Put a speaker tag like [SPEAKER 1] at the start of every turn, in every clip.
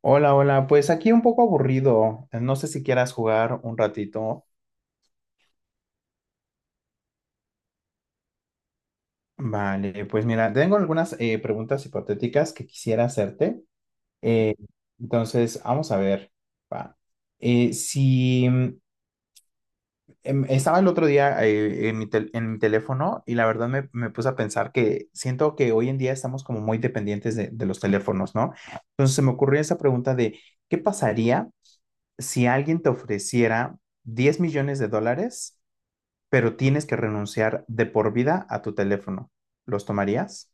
[SPEAKER 1] Hola, hola, pues aquí un poco aburrido. No sé si quieras jugar un ratito. Vale, pues mira, tengo algunas preguntas hipotéticas que quisiera hacerte. Eh, entonces, vamos a ver. Va. Si mm, em, Estaba el otro día en mi teléfono y la verdad me puse a pensar que siento que hoy en día estamos como muy dependientes de los teléfonos, ¿no? Entonces se me ocurrió esa pregunta de, ¿qué pasaría si alguien te ofreciera $10 millones, pero tienes que renunciar de por vida a tu teléfono? ¿Los tomarías?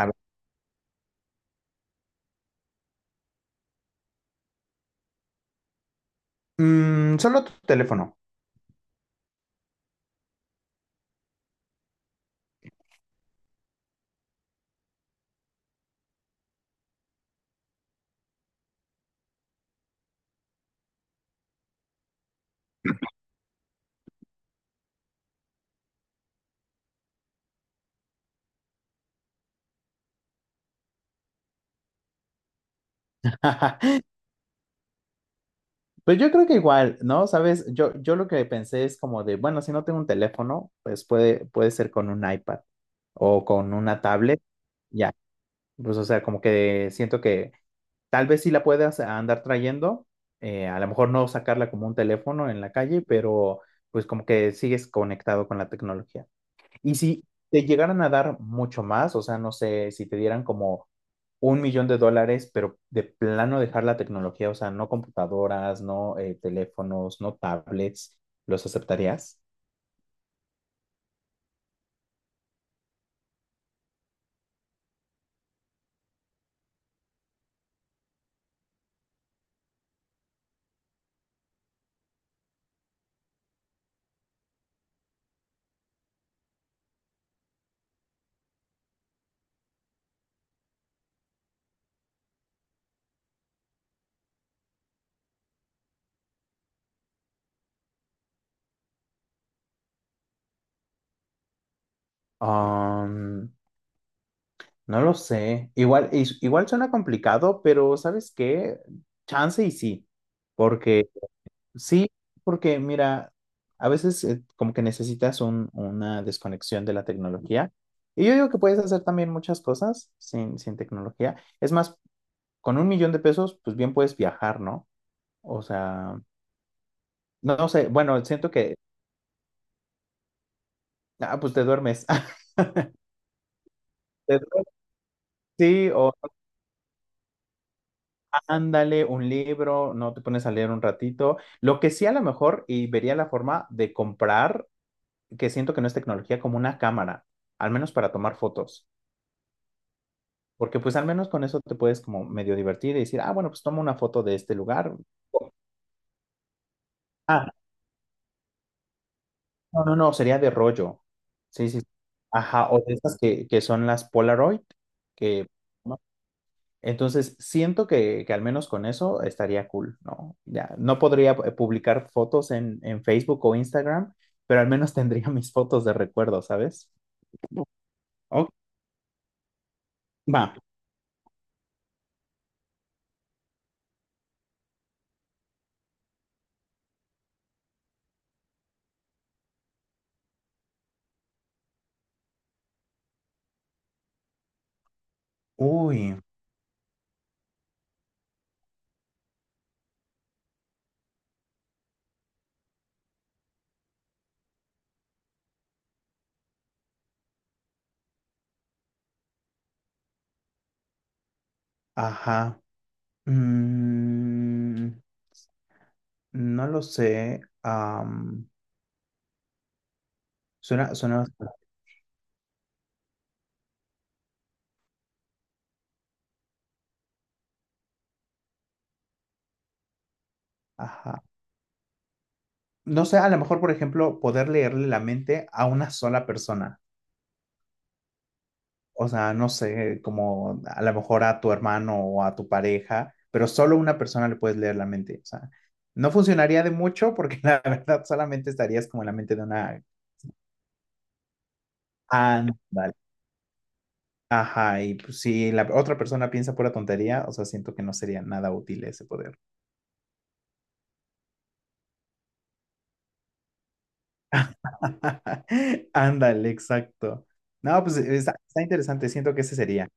[SPEAKER 1] A ver. Mm, solo tu teléfono. Pues yo creo que igual, ¿no? Sabes, yo lo que pensé es como de, bueno, si no tengo un teléfono, pues puede ser con un iPad o con una tablet, ya. Pues o sea, como que siento que tal vez sí la puedas andar trayendo, a lo mejor no sacarla como un teléfono en la calle, pero pues como que sigues conectado con la tecnología. Y si te llegaran a dar mucho más, o sea, no sé, si te dieran como $1 millón, pero de plano dejar la tecnología, o sea, no computadoras, no teléfonos, no tablets, ¿los aceptarías? Um, no lo sé. Igual, igual suena complicado, pero ¿sabes qué? Chance y sí, porque sí, porque mira, a veces como que necesitas una desconexión de la tecnología. Y yo digo que puedes hacer también muchas cosas sin tecnología. Es más, con 1 millón de pesos, pues bien puedes viajar, ¿no? O sea, no sé, bueno, siento que, ah, pues te duermes. Te duermes, sí, o ándale un libro, no te pones a leer un ratito. Lo que sí a lo mejor, y vería la forma de comprar, que siento que no es tecnología, como una cámara, al menos para tomar fotos. Porque pues al menos con eso te puedes como medio divertir y decir, ah, bueno, pues toma una foto de este lugar. Ah, no, no, no, sería de rollo. Sí, sí, sí. Ajá, o de estas que son las Polaroid, que... ¿no? Entonces, siento que al menos con eso estaría cool, ¿no? Ya, no podría publicar fotos en Facebook o Instagram, pero al menos tendría mis fotos de recuerdo, ¿sabes? Ok, va. Uy, ajá. Mm, no lo sé. Suena, suena, ajá. No sé, a lo mejor, por ejemplo, poder leerle la mente a una sola persona. O sea, no sé, como a lo mejor a tu hermano o a tu pareja, pero solo una persona le puedes leer la mente. O sea, no funcionaría de mucho porque la verdad solamente estarías como en la mente de una... Ándale. Ajá, y pues, si la otra persona piensa pura tontería, o sea, siento que no sería nada útil ese poder. Ándale, exacto. No, pues está, está interesante, siento que ese sería.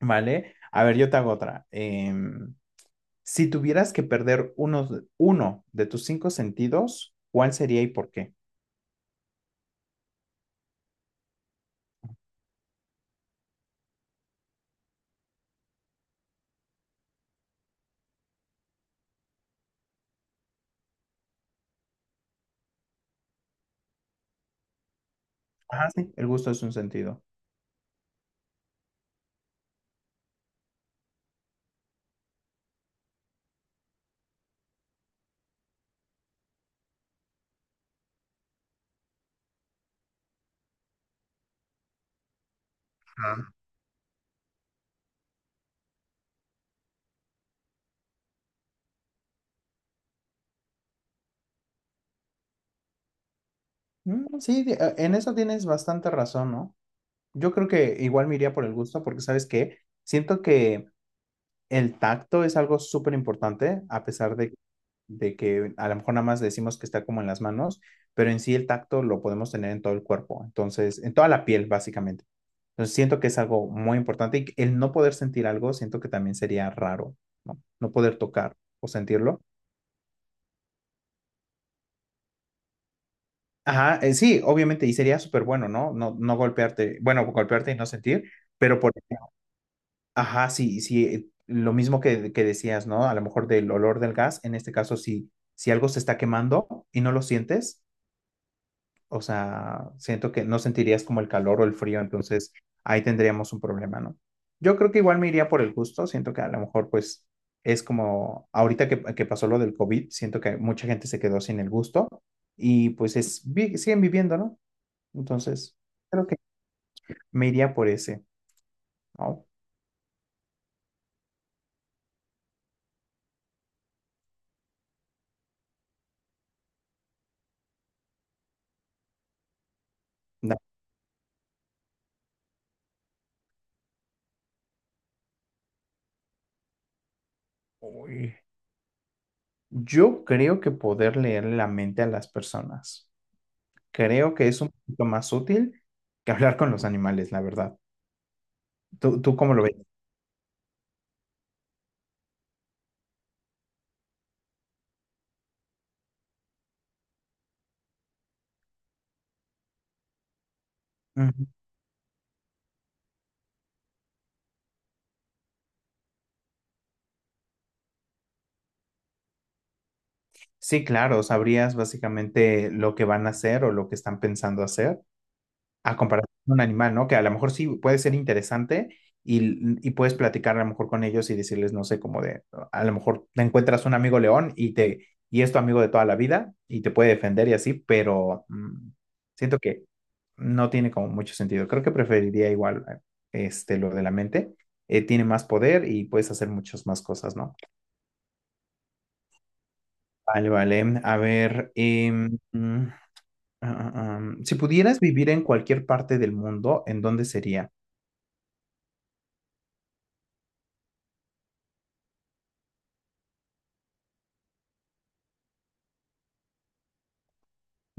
[SPEAKER 1] ¿Vale? A ver, yo te hago otra. Em, si tuvieras que perder uno, uno de tus 5 sentidos, ¿cuál sería y por qué? Ajá, sí, el gusto es un sentido. Ah, mm, sí, en eso tienes bastante razón, ¿no? Yo creo que igual me iría por el gusto porque, ¿sabes qué? Siento que el tacto es algo súper importante, a pesar de que a lo mejor nada más decimos que está como en las manos, pero en sí el tacto lo podemos tener en todo el cuerpo, entonces, en toda la piel, básicamente. Entonces siento que es algo muy importante y el no poder sentir algo, siento que también sería raro, ¿no? No poder tocar o sentirlo. Ajá, sí, obviamente, y sería súper bueno, ¿no? No, no golpearte, bueno, golpearte y no sentir, pero por, ejemplo, ajá, sí, sí, lo mismo que decías, ¿no? A lo mejor del olor del gas, en este caso, si algo se está quemando y no lo sientes, o sea, siento que no sentirías como el calor o el frío, entonces ahí tendríamos un problema, ¿no? Yo creo que igual me iría por el gusto, siento que a lo mejor pues es como ahorita que pasó lo del COVID, siento que mucha gente se quedó sin el gusto y pues es, siguen viviendo, ¿no? Entonces, creo que me iría por ese, ¿no? Da- uy. Yo creo que poder leer la mente a las personas, creo que es un poquito más útil que hablar con los animales, la verdad. ¿Tú cómo lo ves? Sí, claro, sabrías básicamente lo que van a hacer o lo que están pensando hacer, a comparación con un animal, ¿no? Que a lo mejor sí puede ser interesante y puedes platicar a lo mejor con ellos y decirles, no sé, como de, a lo mejor te encuentras un amigo león y es tu amigo de toda la vida y te puede defender y así, pero mm, siento que no tiene como mucho sentido. Creo que preferiría igual este, lo de la mente. Tiene más poder y puedes hacer muchas más cosas, ¿no? Vale, vale. A ver, si pudieras vivir en cualquier parte del mundo, ¿en dónde sería?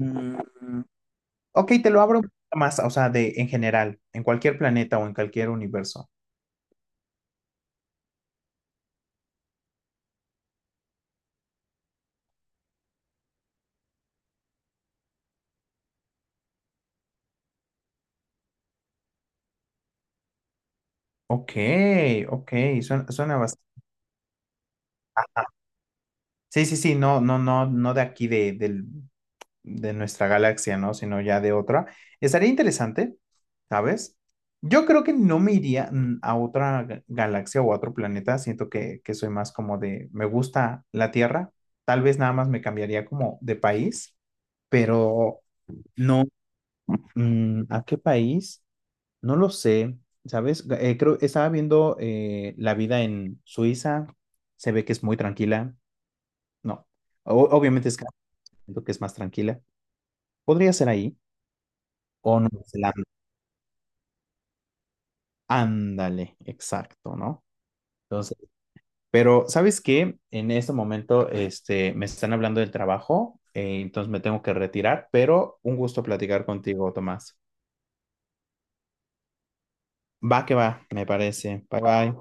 [SPEAKER 1] Mm, ok, te lo abro un poquito más, o sea, de en general, en cualquier planeta o en cualquier universo. Ok, ok, suena, suena bastante. Sí, sí, sí, no, no, no, no de aquí del de nuestra galaxia, ¿no? Sino ya de otra. Estaría interesante, ¿sabes? Yo creo que no me iría mm, a otra galaxia o a otro planeta. Siento que soy más como de, me gusta la Tierra. Tal vez nada más me cambiaría como de país, pero no, mm, ¿a qué país? No lo sé, ¿sabes? Creo, estaba viendo la vida en Suiza. Se ve que es muy tranquila. No, obviamente es que siento que es más tranquila. Podría ser ahí. O Nueva Zelanda. Ándale, exacto, ¿no? Entonces, pero ¿sabes qué? En este momento, este, me están hablando del trabajo, entonces me tengo que retirar, pero un gusto platicar contigo, Tomás. Va que va, me parece. Bye bye.